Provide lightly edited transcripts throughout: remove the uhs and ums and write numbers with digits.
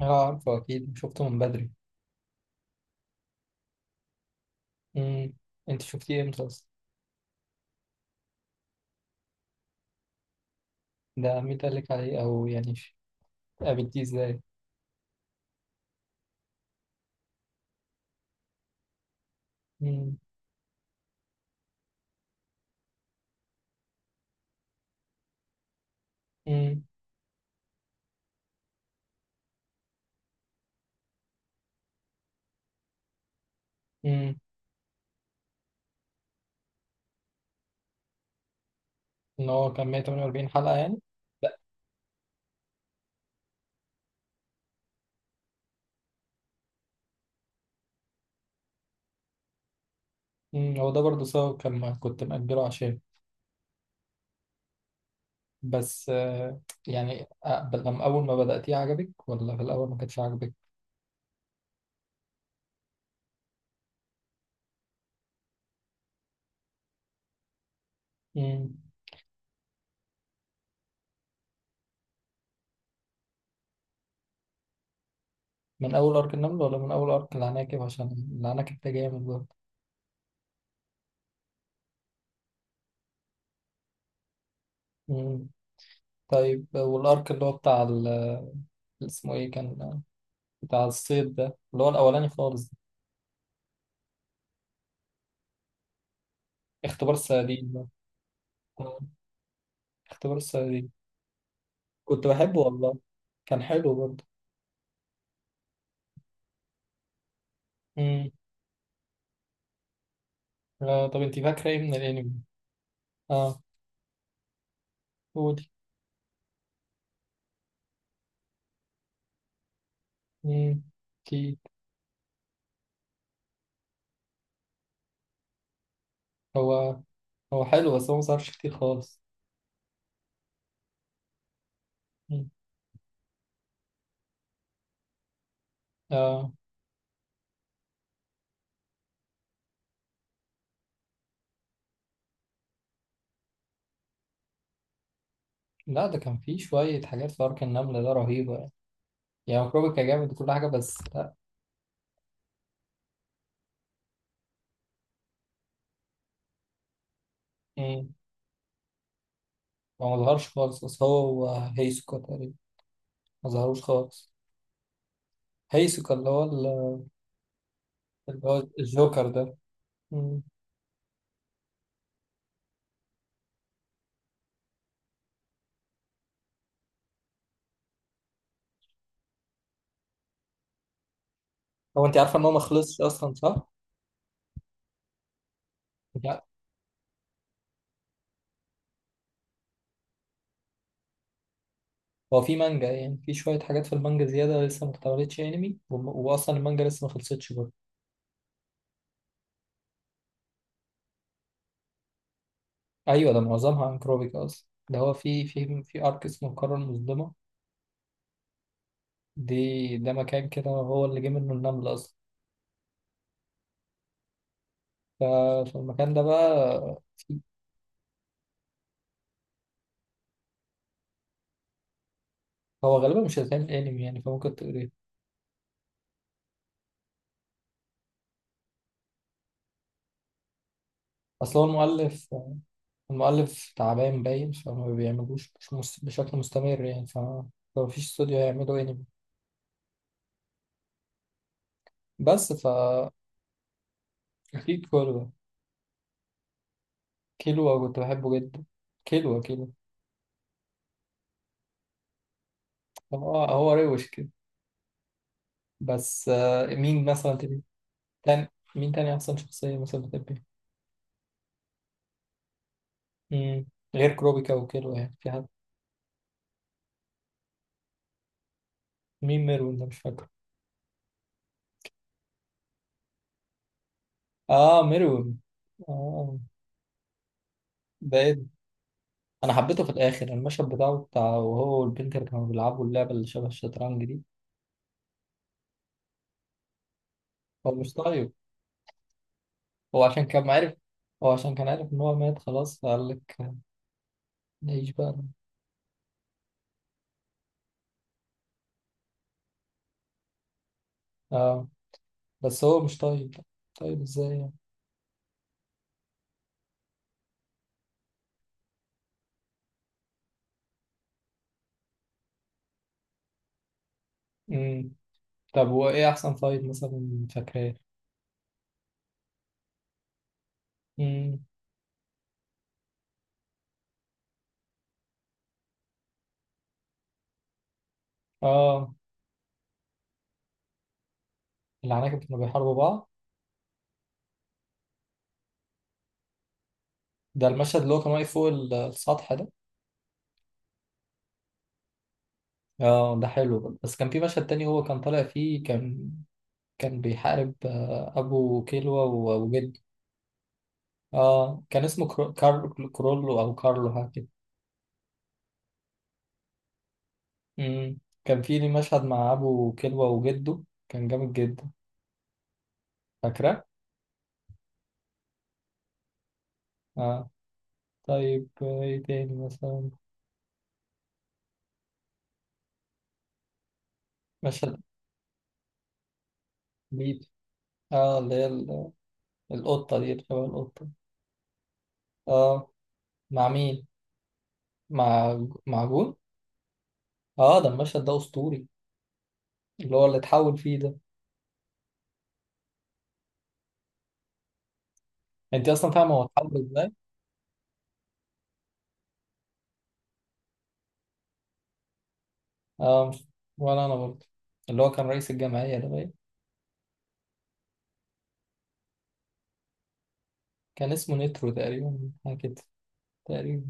اه عارفه اكيد شفته من بدري. امم انت شفتيه امتى اصلا؟ ده مين قال لك عليه او يعني قابلتيه ازاي؟ امم امم امم ان هو كان 148 حلقه يعني. لا. هو ده برضه سبب كان ما كنت مأجله عشان. بس آه، يعني لما اول ما بدأتيه عجبك ولا في الاول ما كانش عجبك؟ امم من اول ارك النمل ولا من اول ارك العناكب؟ عشان العناكب ده جامد برضه. امم طيب والارك اللي هو اسمه ايه كان؟ بتاع الصيد ده، اللي هو الأولاني خالص ده. اختبار الصيادين ده. آه، اختبار الصيادين. كنت بحبه والله. كان حلو برضه. امم آه، طب انت فاكرة ايه من الانمي؟ اه، قولي. امم اكيد. هو هو حلو بس هو مصرفش كتير خالص. مم. آه، لا ده كان فيه شوية حاجات في أرك النملة ده رهيبة يعني، يعني كروبيكا جامد وكل حاجة، بس لا. مم. هو ما ظهرش خالص، بس هو هيسوكا تقريبا ما ظهروش خالص. هيسوكا اللي هو الجوكر ده. مم. هو انت عارفه ان هو ما خلصش اصلا صح؟ لا، هو في مانجا يعني، في شويه حاجات في المانجا زياده لسه ما اتعملتش انمي، واصلا المانجا لسه ما خلصتش برضه. ايوه، ده معظمها عن كروبيكا اصلا، ده هو في ارك اسمه القاره المظلمه دي. ده مكان كده هو اللي جه منه النمل اصلا. ففي المكان ده بقى في. هو غالبا مش هيتعمل انمي يعني، فممكن تقريه. اصل هو المؤلف، المؤلف تعبان باين فما بيعملوش مش مس- بشكل مستمر يعني، فمفيش استوديو هيعملوا انمي. بس ف. أكيد كله. كيلو كنت بحبه جدا. كيلو. هو هو روش كده. بس آه، مين مثلا تاني؟ تاني- مين تاني أحسن شخصية مثلا بتحبيها؟ مم، غير كروبيكا وكيلو يعني في حد؟ مين ميرون ده؟ مش فاكره. آه، ميرون. آه. ده إيه ده؟ أنا حبيته في الآخر، المشهد بتاعه بتاع وهو والبنت اللي كانوا بيلعبوا اللعبة اللي شبه الشطرنج دي. هو مش طايق. هو عشان كان عارف. هو عشان كان عارف إن هو مات خلاص فقال لك نعيش بقى. آه. بس هو مش طيب. طيب إزاي يعني؟ طب وايه احسن فايت مثلا فاكراه؟ امم اه، العناكب كانوا بيحاربوا بعض. ده المشهد اللي هو كان واقف فوق السطح ده. اه، ده حلو برضه. بس كان في مشهد تاني هو كان طالع فيه، كان كان بيحارب آه، ابو كيلوا وجده. اه، كان اسمه كرولو او كارلو حاجه كده. امم كان في ليه مشهد مع ابو كيلوا وجده. كان جامد جدا، فاكره؟ اه، طيب آه، ايه تاني مثلا؟ مشهد ليه. اه، اللي القطه دي، اللي شبه القطه. اه. مع مين؟ مع مع جون. اه، ده المشهد ده اسطوري، اللي هو اللي اتحول فيه ده. انت اصلا فاهمه هو اتحول ازاي؟ اه، مش. ولا انا برضه. اللي هو كان رئيس الجمعيه ده باين. كان اسمه نترو تقريبا، حاجه كده تقريبا.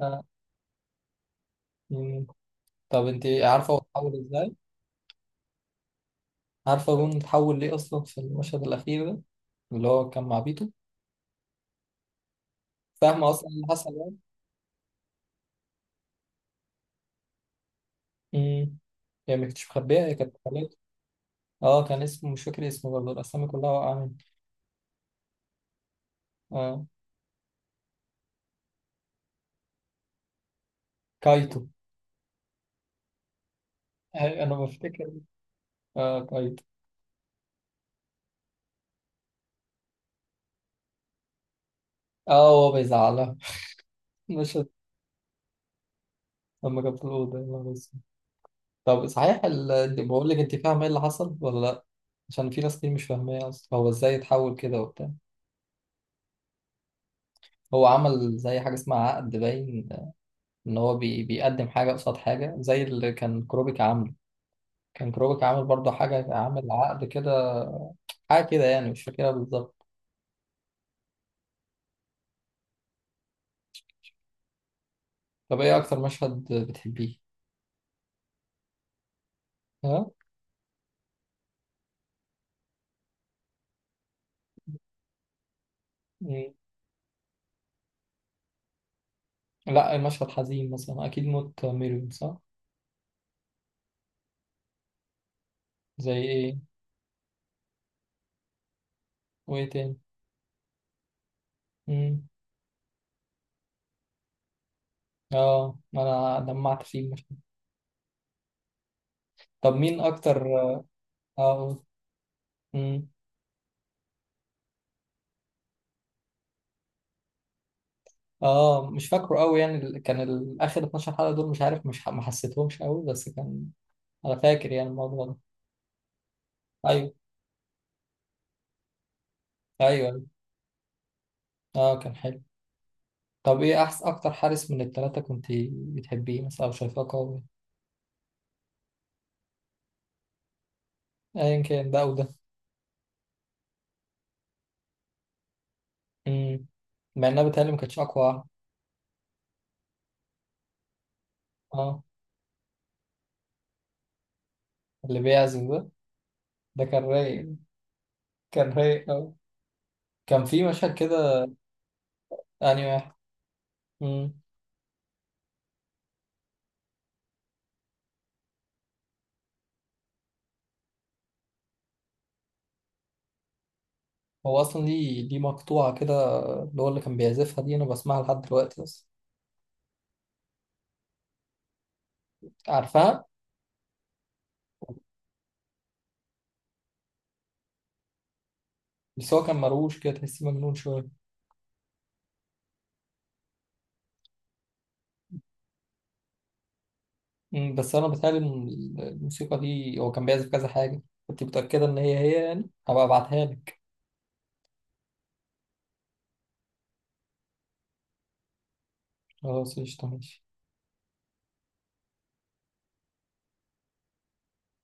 آه. مم. طب انت عارفه هو اتحول ازاي؟ عارفه جون اتحول ليه اصلا في المشهد الاخير ده، اللي هو كان مع بيتو؟ فاهمه اصلا اللي حصل يعني؟ امم هي ما كانتش مخبيه، هي كانت خليته. اه، كان اسمه مش فاكر اسمه برضه، الاسامي كلها واقعه مني. اه، كايتو. آه، انا بفتكر. اه، طيب. اه، هو بيزعلها. مشهد لما كان في الأوضة، يا نهار أسود. طب صحيح بقول لك أنت فاهمة إيه اللي حصل ولا لأ؟ عشان في ناس كتير مش فاهمة إيه أصلا هو إزاي اتحول كده وبتاع. هو عمل زي حاجة اسمها عقد باين، إن هو بيقدم حاجة قصاد حاجة زي اللي كان كروبيك عامله. كان كروبيك عامل برضه حاجة، عامل عقد كده، حاجة كده يعني، مش فاكرها بالظبط. طب إيه أكتر مشهد بتحبيه؟ ها؟ مم. لأ المشهد حزين مثلا أكيد موت ميريم صح؟ زي إيه؟ وإيه تاني؟ امم اه، انا دمعت فيه مش... طب مين اكتر؟ اه. امم اه، مش فاكره قوي يعني، اخر 12 حلقة دول مش عارف مش ح... ما حسيتهمش قوي، بس كان. انا فاكر يعني الموضوع ده. ايوه ايوه أيوة. اه، كان حلو. طب ايه احسن اكتر حارس من الثلاثة كنت بتحبيه مثلا او شايفاه قوي؟ ايا كان ده او ده. امم مع انها بتهيألي ما كانتش اقوى واحد. اه، اللي بيعزم ده. ده كان رايق، كان رايق قوي. كان في مشهد كده، يعني واحد. مم. هو اصلا ليه مقطوعه كده اللي هو اللي كان بيعزفها دي؟ انا بسمعها لحد دلوقتي اصلا، عارفها. بس هو كان مروش كده، تحسيه مجنون شويه. أمم، بس انا بتهيألي إن الموسيقى دي هو كان بيعزف كذا حاجه. كنت متأكدة إن هي يعني، هبقى أبعتها لك. خلاص قشطة ماشي.